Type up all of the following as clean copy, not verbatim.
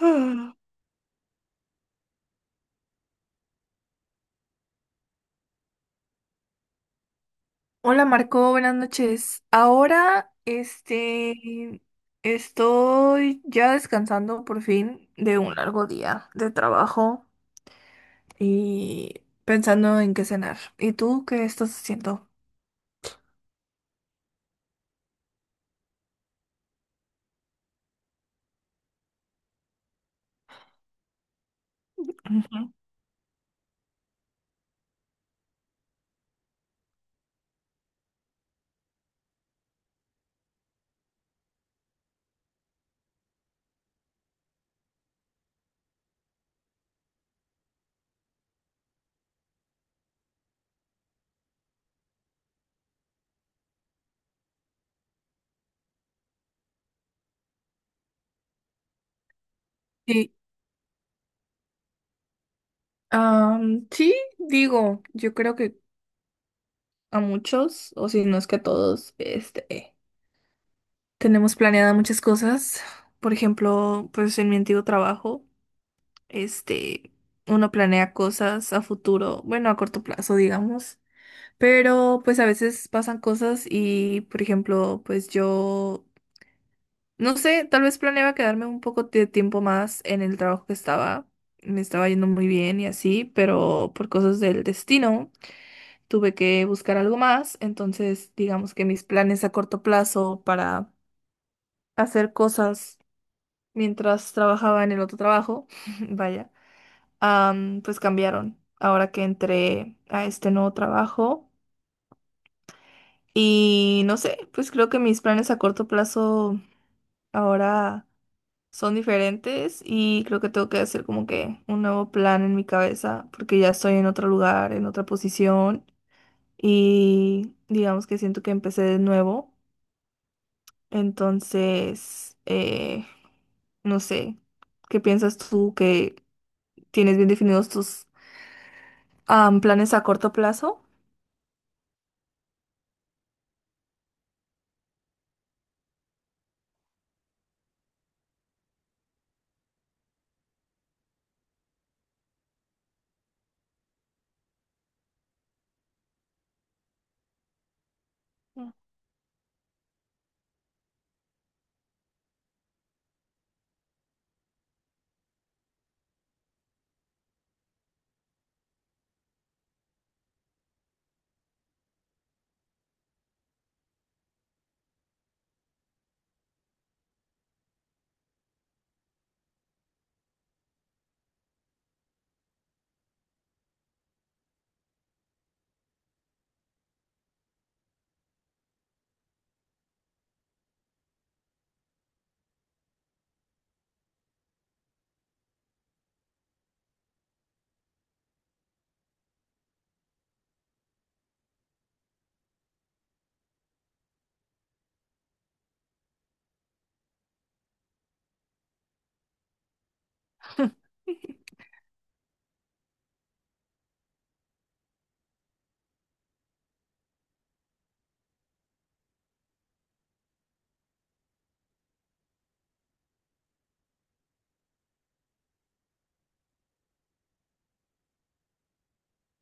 Ah. Hola Marco, buenas noches. Ahora, estoy ya descansando por fin de un largo día de trabajo y pensando en qué cenar. ¿Y tú qué estás haciendo? Ujú. Sí, sí, digo, yo creo que a muchos, o si no es que a todos, tenemos planeadas muchas cosas. Por ejemplo, pues en mi antiguo trabajo. Este, Uno planea cosas a futuro, bueno, a corto plazo, digamos, pero pues a veces pasan cosas y, por ejemplo, pues yo, no sé, tal vez planeaba quedarme un poco de tiempo más en el trabajo que estaba, me estaba yendo muy bien y así, pero por cosas del destino tuve que buscar algo más, entonces digamos que mis planes a corto plazo para hacer cosas mientras trabajaba en el otro trabajo, vaya. Pues cambiaron ahora que entré a este nuevo trabajo. Y no sé, pues creo que mis planes a corto plazo ahora son diferentes y creo que tengo que hacer como que un nuevo plan en mi cabeza porque ya estoy en otro lugar, en otra posición y digamos que siento que empecé de nuevo. Entonces, no sé, ¿qué piensas tú que tienes bien definidos tus planes a corto plazo?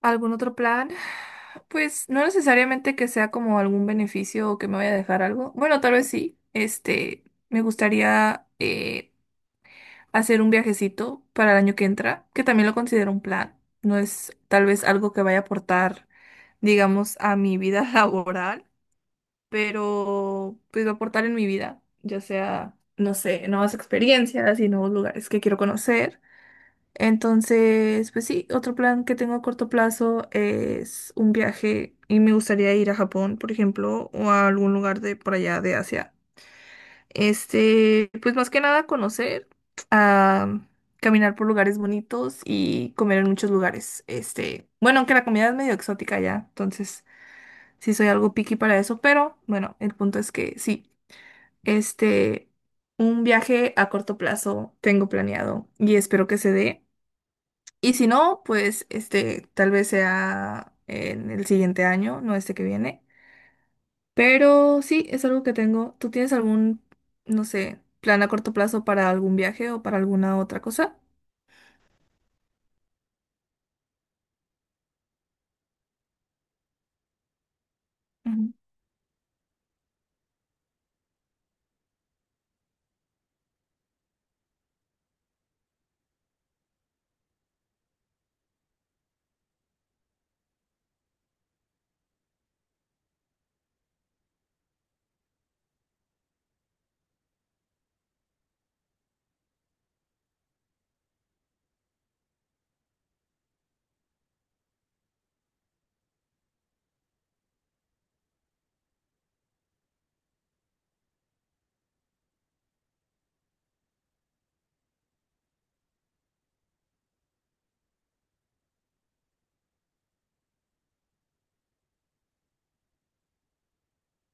¿Algún otro plan? Pues no necesariamente que sea como algún beneficio o que me vaya a dejar algo. Bueno, tal vez sí. Me gustaría hacer un viajecito para el año que entra, que también lo considero un plan. No es tal vez algo que vaya a aportar, digamos, a mi vida laboral, pero pues va a aportar en mi vida, ya sea, no sé, nuevas experiencias y nuevos lugares que quiero conocer. Entonces, pues sí, otro plan que tengo a corto plazo es un viaje y me gustaría ir a Japón, por ejemplo, o a algún lugar de por allá de Asia. Pues más que nada conocer, ah, caminar por lugares bonitos y comer en muchos lugares. Este, bueno, aunque la comida es medio exótica ya, entonces sí soy algo picky para eso, pero bueno, el punto es que sí, este, un viaje a corto plazo tengo planeado y espero que se dé. Y si no, pues este, tal vez sea en el siguiente año, no este que viene. Pero sí, es algo que tengo. ¿Tú tienes algún, no sé, plan a corto plazo para algún viaje o para alguna otra cosa? Ujú.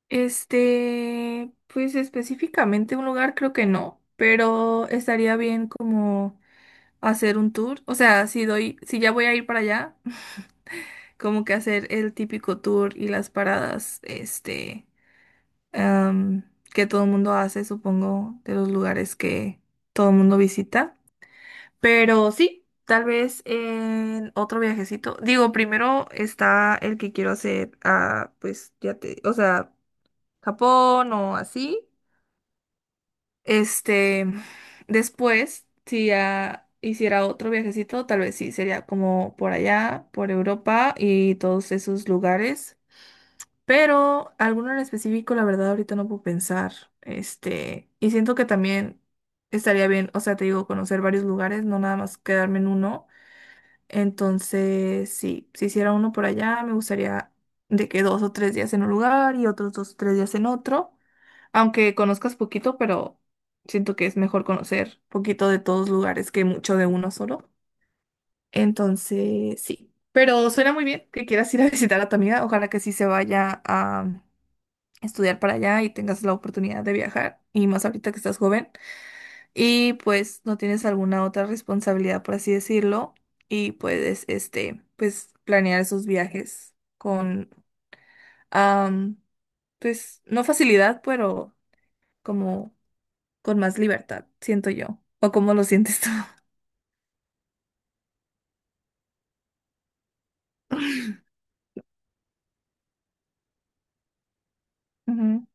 Este, pues específicamente un lugar creo que no, pero estaría bien como hacer un tour. O sea, si doy, si ya voy a ir para allá, como que hacer el típico tour y las paradas, am, que todo el mundo hace, supongo, de los lugares que todo el mundo visita. Pero sí, tal vez en otro viajecito. Digo, primero está el que quiero hacer a, pues, ya te, o sea, Japón o así. Este, después, si ya hiciera otro viajecito, tal vez sí, sería como por allá, por Europa y todos esos lugares. Pero alguno en específico, la verdad, ahorita no puedo pensar. Este, y siento que también estaría bien, o sea, te digo, conocer varios lugares, no nada más quedarme en uno. Entonces, sí, si hiciera uno por allá, me gustaría de que dos o tres días en un lugar y otros dos o tres días en otro. Aunque conozcas poquito, pero siento que es mejor conocer poquito de todos lugares que mucho de uno solo. Entonces, sí. Pero suena muy bien que quieras ir a visitar a tu amiga. Ojalá que sí se vaya a estudiar para allá y tengas la oportunidad de viajar, y más ahorita que estás joven, y pues no tienes alguna otra responsabilidad, por así decirlo, y puedes, pues planear esos viajes con, am, pues no facilidad, pero como con más libertad, siento yo, o cómo lo sientes tú. Ujú.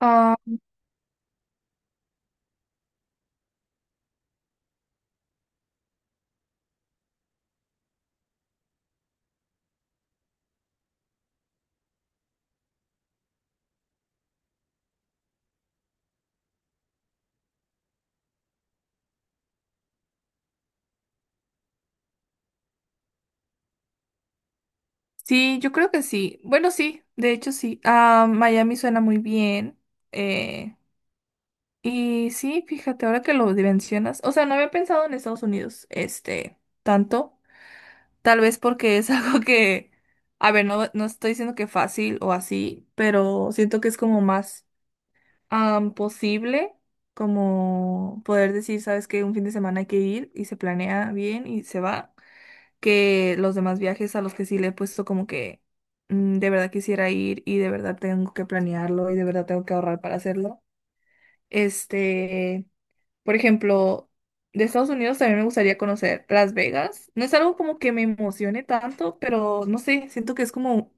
Ah, sí, yo creo que sí. Bueno, sí, de hecho sí. Ah, Miami suena muy bien. Eh, Y sí, fíjate, ahora que lo mencionas, o sea, no había pensado en Estados Unidos, tanto, tal vez porque es algo que, a ver, no, no estoy diciendo que fácil o así, pero siento que es como más posible, como poder decir, sabes que un fin de semana hay que ir y se planea bien y se va, que los demás viajes a los que sí le he puesto como que de verdad quisiera ir y de verdad tengo que planearlo y de verdad tengo que ahorrar para hacerlo. Este... Por ejemplo, de Estados Unidos también me gustaría conocer Las Vegas. No es algo como que me emocione tanto, pero no sé, siento que es como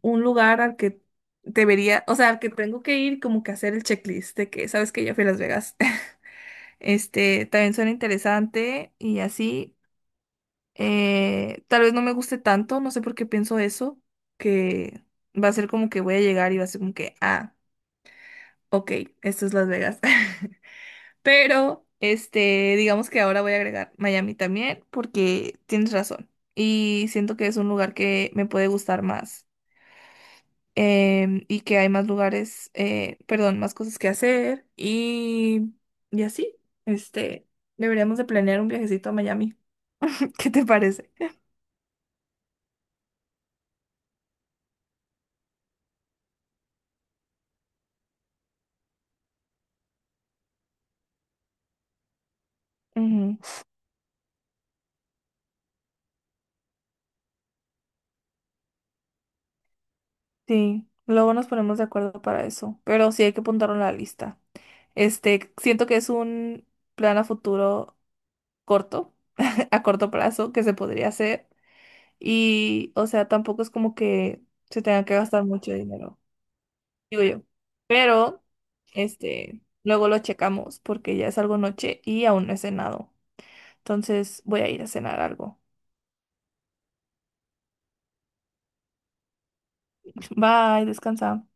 un lugar al que debería, o sea, al que tengo que ir como que hacer el checklist de que sabes que ya fui a Las Vegas. Este, también suena interesante y así. Tal vez no me guste tanto, no sé por qué pienso eso, que va a ser como que voy a llegar y va a ser como que, ah, ok, esto es Las Vegas. Pero, este, digamos que ahora voy a agregar Miami también porque tienes razón. Y siento que es un lugar que me puede gustar más y que hay más lugares, perdón, más cosas que hacer y así, este, deberíamos de planear un viajecito a Miami. ¿Qué te parece? Ujú. Sí, luego nos ponemos de acuerdo para eso, pero sí hay que apuntarlo en la lista. Este, siento que es un plan a futuro corto, a corto plazo, que se podría hacer. Y, o sea, tampoco es como que se tenga que gastar mucho dinero, digo yo. Pero, este, luego lo checamos porque ya es algo noche y aún no he cenado. Entonces voy a ir a cenar algo. Bye, descansa.